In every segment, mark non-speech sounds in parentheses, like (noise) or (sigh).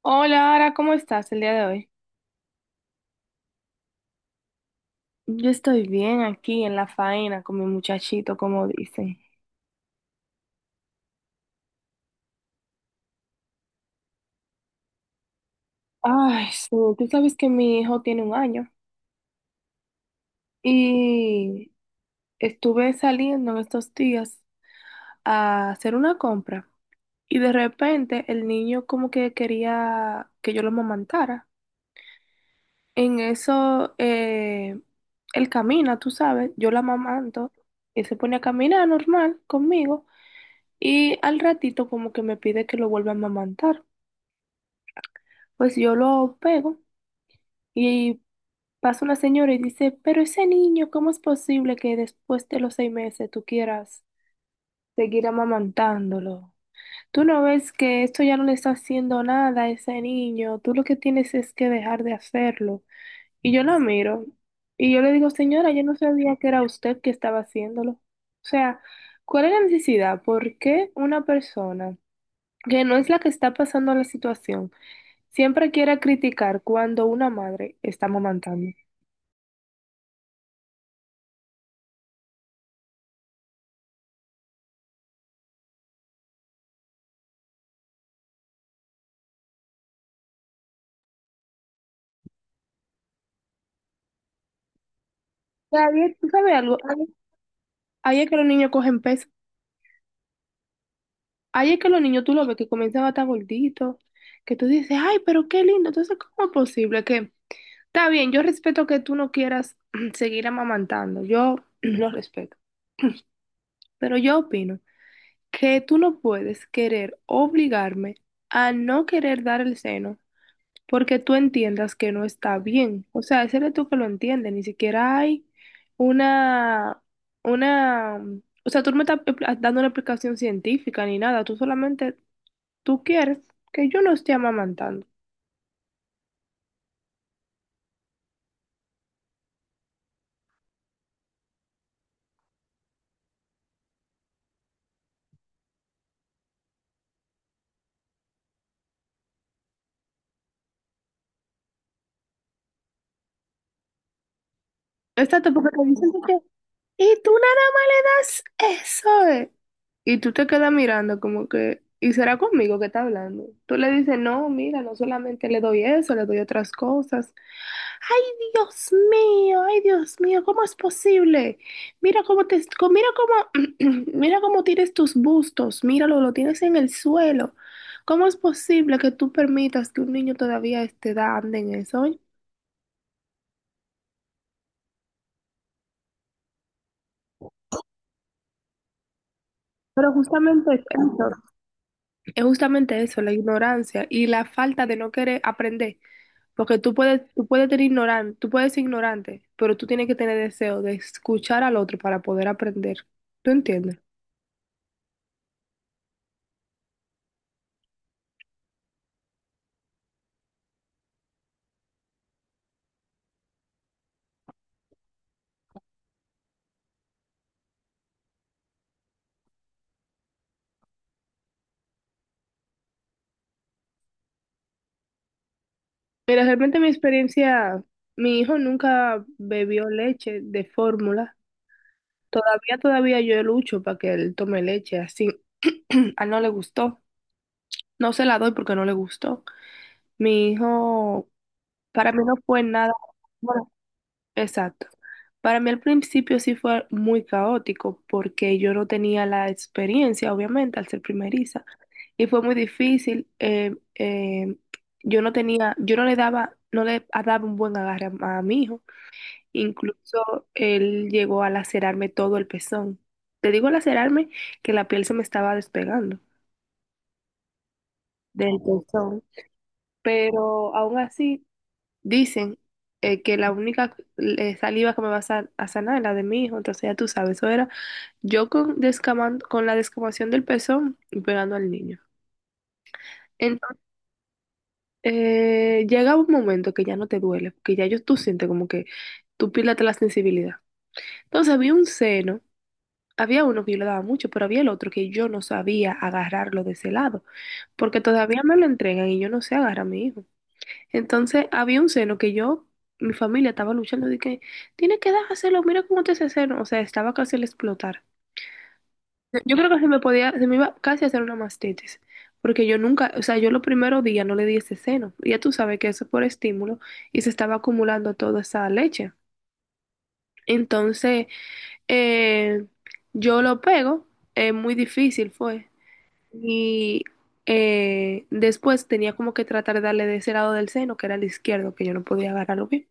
Hola, Ara, ¿cómo estás el día de hoy? Yo estoy bien aquí en la faena con mi muchachito, como dicen. Ay, sí, tú sabes que mi hijo tiene un año y estuve saliendo en estos días a hacer una compra y de repente el niño como que quería que yo lo amamantara. En eso, él camina, tú sabes, yo lo amamanto y se pone a caminar normal conmigo y al ratito como que me pide que lo vuelva a amamantar. Pues yo lo pego y pasa una señora y dice, pero ese niño, ¿cómo es posible que después de los 6 meses tú quieras seguir amamantándolo? Tú no ves que esto ya no le está haciendo nada a ese niño, tú lo que tienes es que dejar de hacerlo. Y yo la miro y yo le digo, señora, yo no sabía que era usted que estaba haciéndolo. O sea, ¿cuál es la necesidad? ¿Por qué una persona que no es la que está pasando la situación? Siempre quiere criticar cuando una madre está amamantando. O sea, ahí es- ¿Tú sabes algo? Ahí es que los niños cogen peso. Ahí es que los niños tú lo ves que comienzan a estar gorditos, que tú dices, ay, pero qué lindo. Entonces, ¿cómo es posible que... Está bien, yo respeto que tú no quieras (clears throat) seguir amamantando, yo (clears throat) lo respeto, pero yo opino que tú no puedes querer obligarme a no querer dar el seno porque tú entiendas que no está bien. O sea, ese eres tú que lo entiende, ni siquiera hay una, una, o sea, tú no me estás dando una explicación científica ni nada, tú solamente, tú quieres que yo no esté amamantando. Exacto, porque te dicen y tú nada más le das eso, eh. Y tú te quedas mirando como que, ¿y será conmigo que está hablando? Tú le dices, no, mira, no solamente le doy eso, le doy otras cosas. Ay, ay, Dios mío, ¿cómo es posible? Mira cómo te, mira cómo, (clears throat) mira cómo tienes tus bustos, míralo, lo tienes en el suelo. ¿Cómo es posible que tú permitas que un niño todavía a esta edad ande en eso? Pero justamente es eso. Es justamente eso, la ignorancia y la falta de no querer aprender, porque tú puedes tener ignorante, tú puedes ser ignorante, pero tú tienes que tener deseo de escuchar al otro para poder aprender. ¿Tú entiendes? Mira, realmente mi experiencia, mi hijo nunca bebió leche de fórmula. Todavía, todavía yo lucho para que él tome leche así. (clears throat) A él no le gustó. No se la doy porque no le gustó. Mi hijo, para mí no fue nada. Exacto. Para mí al principio sí fue muy caótico porque yo no tenía la experiencia, obviamente, al ser primeriza. Y fue muy difícil. Yo no le daba un buen agarre a mi hijo. Incluso él llegó a lacerarme todo el pezón. Te digo lacerarme que la piel se me estaba despegando del pezón. Pero aún así dicen que la única saliva que me va a sanar es la de mi hijo. Entonces ya tú sabes, eso era yo con, descaman- con la descamación del pezón y pegando al niño. Entonces, llega un momento que ya no te duele, porque ya yo, tú sientes como que tú pierdes la sensibilidad. Entonces había un seno, había uno que yo le daba mucho, pero había el otro que yo no sabía agarrarlo de ese lado, porque todavía me lo entregan y yo no sé agarrar a mi hijo. Entonces había un seno que yo, mi familia estaba luchando de que, tiene que dárselo, mira cómo te ese seno, o sea, estaba casi al explotar. Yo creo que se me podía, se me iba casi a hacer una mastitis, porque yo nunca, o sea, yo los primeros días no le di ese seno, ya tú sabes que eso es por estímulo y se estaba acumulando toda esa leche. Entonces, eh, yo lo pego, muy difícil fue, y después tenía como que tratar de darle de ese lado del seno, que era el izquierdo, que yo no podía agarrarlo bien.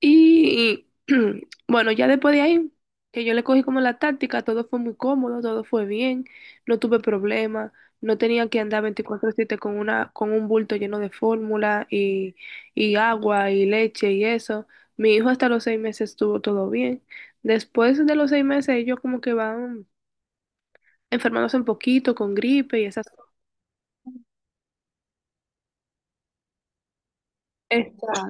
Y (clears throat) bueno, ya después de ahí, que yo le cogí como la táctica, todo fue muy cómodo, todo fue bien, no tuve problemas, no tenía que andar 24/7 con una, con un bulto lleno de fórmula y agua y leche y eso. Mi hijo hasta los 6 meses estuvo todo bien. Después de los seis meses, ellos como que van enfermándose un poquito con gripe y esas cosas. Esta-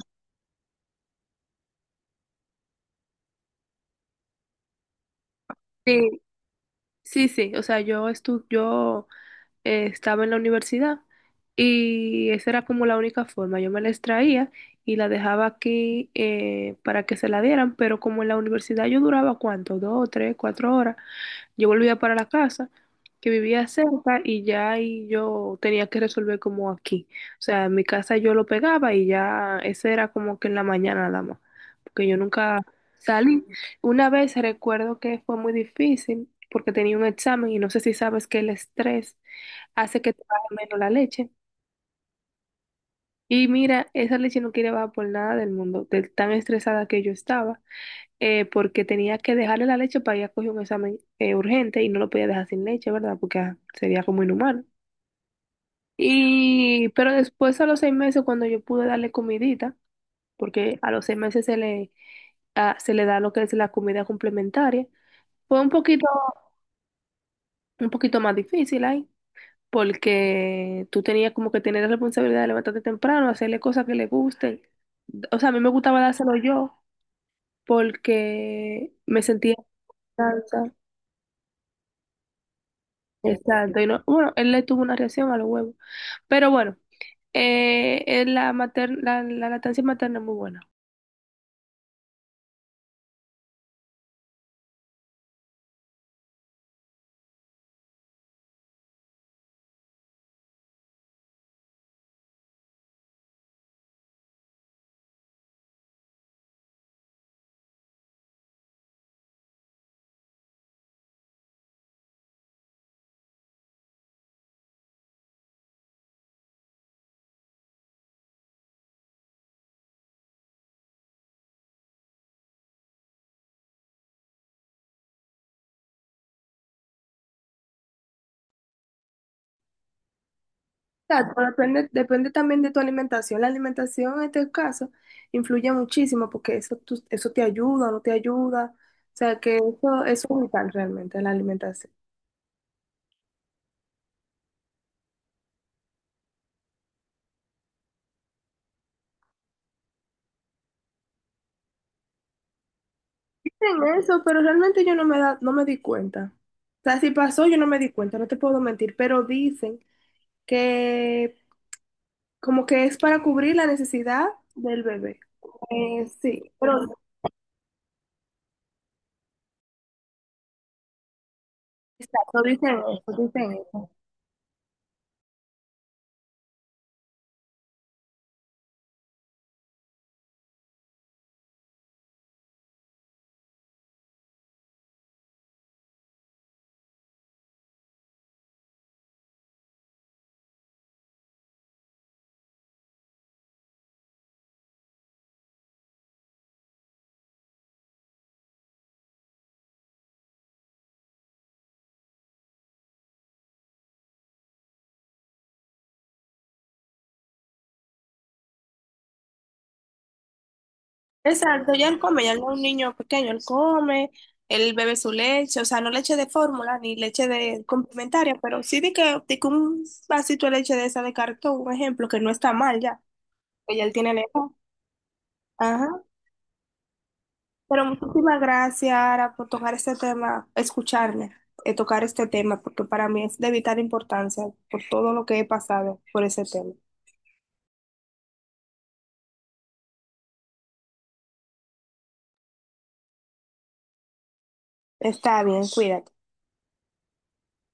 Sí, sí, sí. O sea, yo estuve, estaba en la universidad y esa era como la única forma. Yo me la extraía y la dejaba aquí para que se la dieran, pero como en la universidad yo duraba cuánto, dos, tres, cuatro horas, yo volvía para la casa, que vivía cerca y ya ahí yo tenía que resolver como aquí. O sea, en mi casa yo lo pegaba y ya ese era como que en la mañana nada más, porque yo nunca salí. Una vez recuerdo que fue muy difícil porque tenía un examen y no sé si sabes que el estrés hace que te baje menos la leche. Y mira, esa leche no quería bajar por nada del mundo, de tan estresada que yo estaba porque tenía que dejarle la leche para ella coger un examen urgente y no lo podía dejar sin leche, ¿verdad? Porque sería como inhumano. Y, pero después a los 6 meses, cuando yo pude darle comidita, porque a los 6 meses se le da lo que es la comida complementaria, fue un poquito más difícil ahí, porque tú tenías como que tener la responsabilidad de levantarte temprano, hacerle cosas que le gusten. O sea, a mí me gustaba dárselo yo, porque me sentía en confianza. Exacto. Y no- bueno, él le tuvo una reacción a los huevos. Pero bueno, la lactancia materna es muy buena. Exacto, depende, depende también de tu alimentación. La alimentación en este caso influye muchísimo porque eso, tú- eso te ayuda o no te ayuda. O sea que eso es vital realmente, la alimentación. Dicen eso, pero realmente yo no me da, no me di cuenta. O sea, si pasó, yo no me di cuenta, no te puedo mentir, pero dicen que como que es para cubrir la necesidad del bebé. Sí, pero exacto, dicen eso, dicen eso. Exacto, ya él come, ya él no es un niño pequeño, él come, él bebe su leche, o sea, no leche de fórmula ni leche de complementaria, pero sí de que un vasito de leche de esa de cartón, un ejemplo, que no está mal ya, que ya él tiene la edad. Ajá. Pero muchísimas gracias, Ara, por tocar este tema, escucharme, tocar este tema, porque para mí es de vital importancia por todo lo que he pasado por ese tema. Está bien, cuídate.